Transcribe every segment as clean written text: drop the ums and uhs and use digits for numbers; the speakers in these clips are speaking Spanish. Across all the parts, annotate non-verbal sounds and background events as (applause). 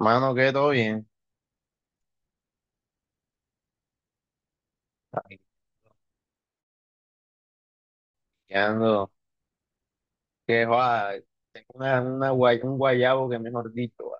Mano, que todo bien. Ay, Ando, que va, tengo una un guayabo que mejor dicho. Va.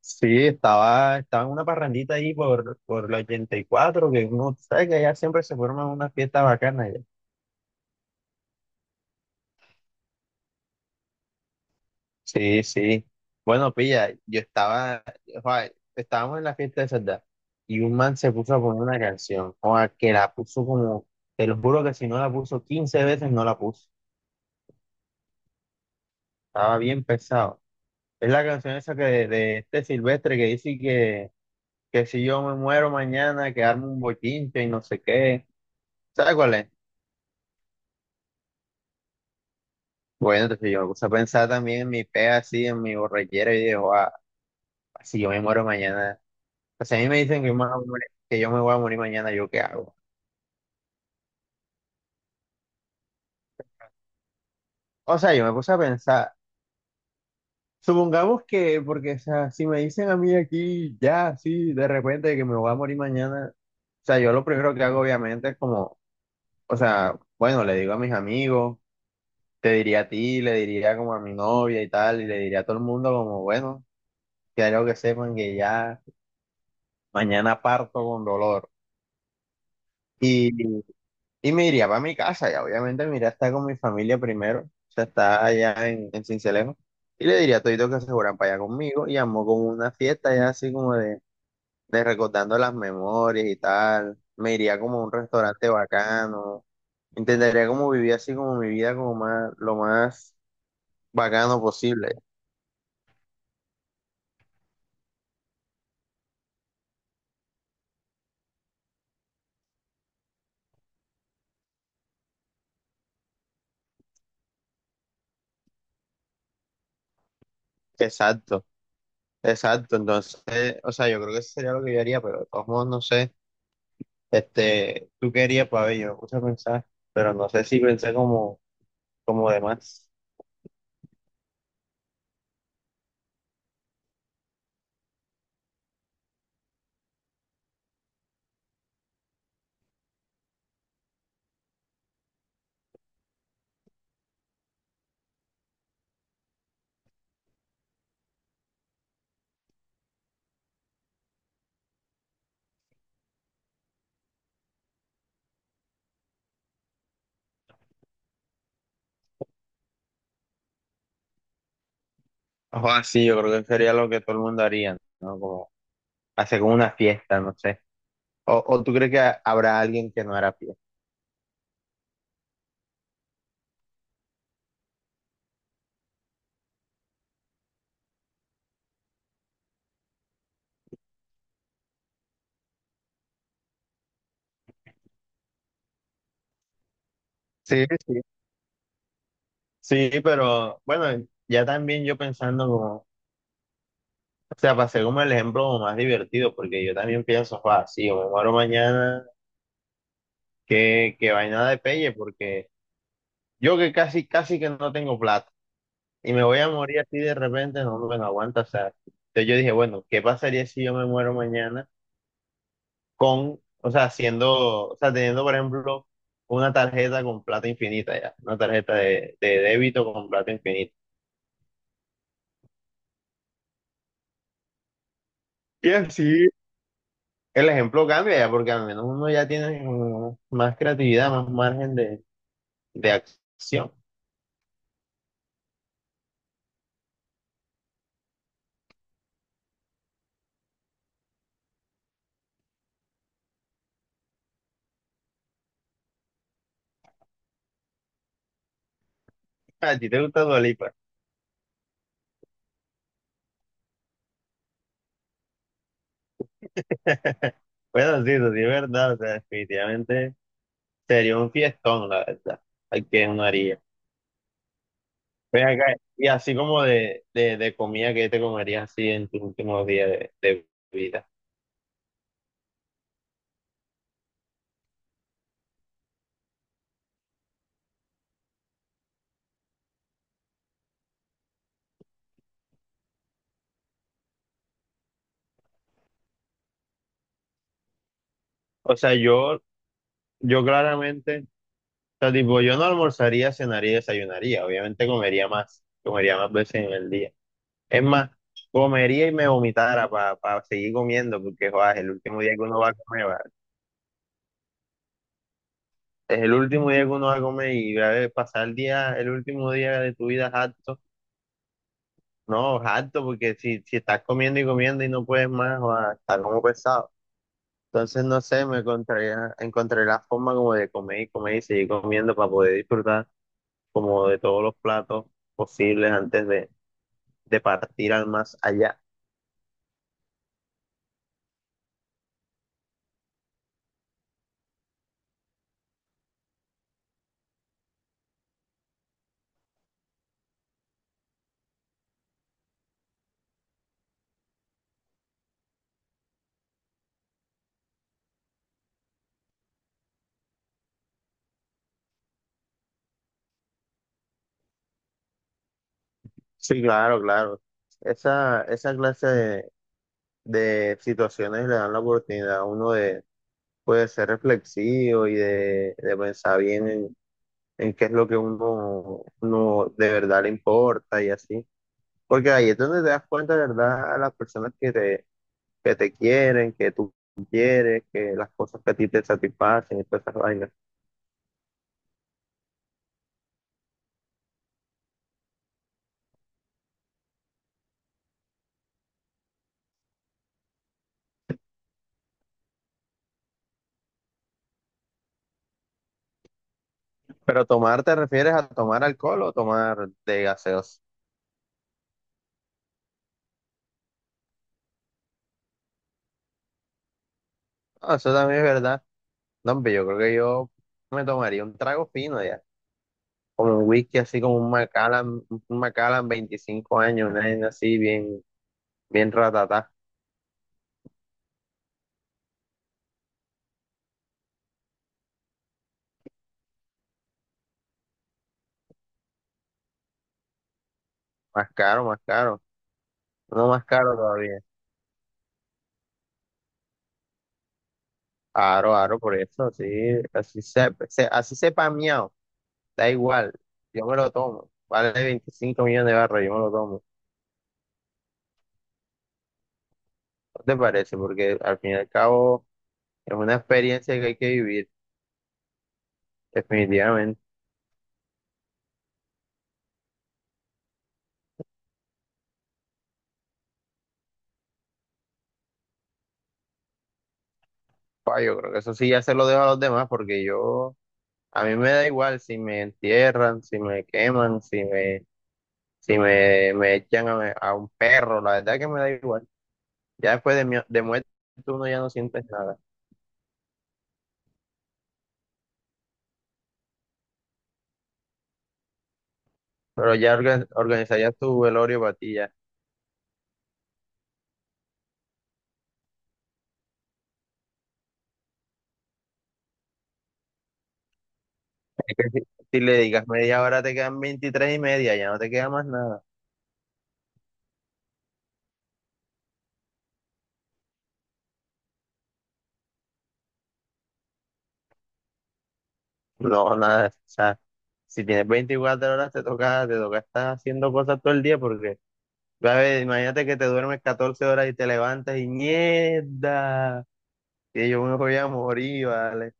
Sí, estaba en una parrandita ahí por la 84 que uno sabe que allá siempre se forman unas fiestas bacanas, ya. Sí, sí. Bueno, pilla, yo estaba, joa, estábamos en la fiesta de Sardá y un man se puso a poner una canción, joa, que la puso como, te lo juro que si no la puso 15 veces, no la puso. Estaba bien pesado. Es la canción esa que de este Silvestre que dice que si yo me muero mañana, que armo un bochinche y no sé qué. ¿Sabes cuál es? Bueno, entonces yo me puse a pensar también en mi pega así, en mi borrachera y digo, ah, si yo me muero mañana. O sea, a mí me dicen que, yo me voy a morir- que yo me voy a morir mañana, ¿yo qué hago? O sea, yo me puse a pensar, supongamos que, porque, o sea, si me dicen a mí aquí, ya, sí, de repente que me voy a morir mañana, o sea, yo lo primero que hago obviamente es como, o sea, bueno, le digo a mis amigos, te diría a ti, le diría como a mi novia y tal, y le diría a todo el mundo como, bueno, quiero que sepan que ya mañana parto con dolor. Y, y me iría para mi casa, y obviamente me iría a estar con mi familia primero, o sea, está allá en Sincelejo, y le diría a todito que se fueran para allá conmigo, y armó como una fiesta ya así como de, recordando las memorias y tal, me iría como a un restaurante bacano, intentaría como vivir así como mi vida como más, lo más bacano posible, exacto. Exacto, entonces, o sea, yo creo que eso sería lo que yo haría, pero de todos modos, no sé, este, tú querías, para ver, yo me puse a pensar, pero no sé si pensé como, como demás. O sí, yo creo que sería lo que todo el mundo haría, ¿no? Como hacer como una fiesta, no sé. O tú crees que habrá alguien que no hará fiesta. Sí, sí. Sí, pero bueno, ya también yo pensando como, o sea, pasé como el ejemplo como más divertido, porque yo también pienso, ah, sí, o me muero mañana, que vaina de pelle, porque yo que casi, casi que no tengo plata y me voy a morir así de repente, no me lo aguanta. O sea, entonces yo dije, bueno, ¿qué pasaría si yo me muero mañana con, o sea, siendo, o sea, teniendo, por ejemplo, una tarjeta con plata infinita ya, una tarjeta de débito con plata infinita? Y así el ejemplo cambia ya, porque al menos uno ya tiene como más creatividad, más margen de acción. (laughs) A ti te gusta Dua Lipa. (laughs) Bueno, sí, eso sí es verdad, o sea, definitivamente. Sería un fiestón, la verdad. Hay que uno haría. Ven acá, y así como de comida que te comerías así en tus últimos días de vida. O sea, yo claramente, o sea, tipo, yo no almorzaría, cenaría y desayunaría. Obviamente comería más veces en el día. Es más, comería y me vomitara para seguir comiendo, porque joder, es el último día que uno va a comer, va. Es el último día que uno va a comer y a ver, pasar el día, el último día de tu vida harto. No, harto, porque si estás comiendo y comiendo y no puedes más, va, está como pesado. Entonces, no sé, encontré la forma como de comer y comer y seguir comiendo para poder disfrutar como de todos los platos posibles antes de partir al más allá. Sí, claro, claro. Esa clase de situaciones le dan la oportunidad a uno de, pues, de, ser reflexivo y de pensar bien en qué es lo que uno de verdad le importa y así. Porque ahí es donde te das cuenta, de ¿verdad? A las personas que te quieren, que tú quieres, que las cosas que a ti te satisfacen y todas esas vainas. Pero tomar, ¿te refieres a tomar alcohol o tomar de gaseosa? Ah, eso también es verdad. No, hombre, yo creo que yo me tomaría un trago fino ya. Como un whisky, así como un Macallan 25 años, una vaina así bien, bien ratatá. Más caro, más caro. No más caro todavía. Aro, aro, por eso, así sepa miau. Da igual, yo me lo tomo. Vale 25 millones de barras, yo me lo tomo. ¿No te parece? Porque al fin y al cabo es una experiencia que hay que vivir, definitivamente. Pa, yo creo que eso sí ya se lo dejo a los demás, porque yo, a mí me da igual si me entierran, si me queman, si me, si me, me echan a un perro, la verdad que me da igual. Ya después de, mi, de muerte uno ya no sientes nada. Pero ya organizarías tu velorio para ti ya. Si si le digas media hora te quedan 23 y media, ya no te queda más nada. No, nada, o sea, si tienes 24 horas te toca estar haciendo cosas todo el día porque, a ver, imagínate que te duermes 14 horas y te levantas y mierda, que yo me voy a morir, ¿vale?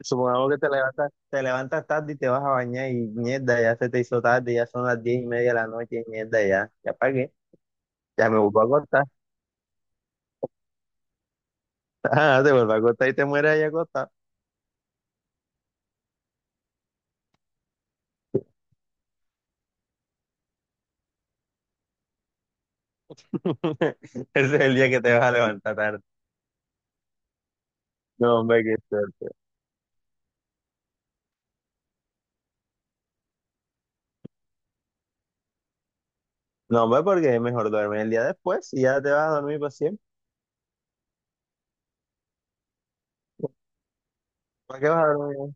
Supongamos que te levantas tarde y te vas a bañar y mierda, ya se te hizo tarde, ya son las 10:30 de la noche y mierda, ya pagué, ya me vuelvo a acostar, (laughs) ah, te vuelvo a acostar y te mueres ahí acostado. (laughs) Ese es el día que te vas a levantar tarde. No, hombre, que No, hombre, porque es mejor duerme el día después y ya te vas a dormir para siempre. ¿Para qué vas a dormir?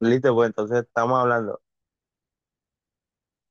Listo, pues entonces estamos hablando.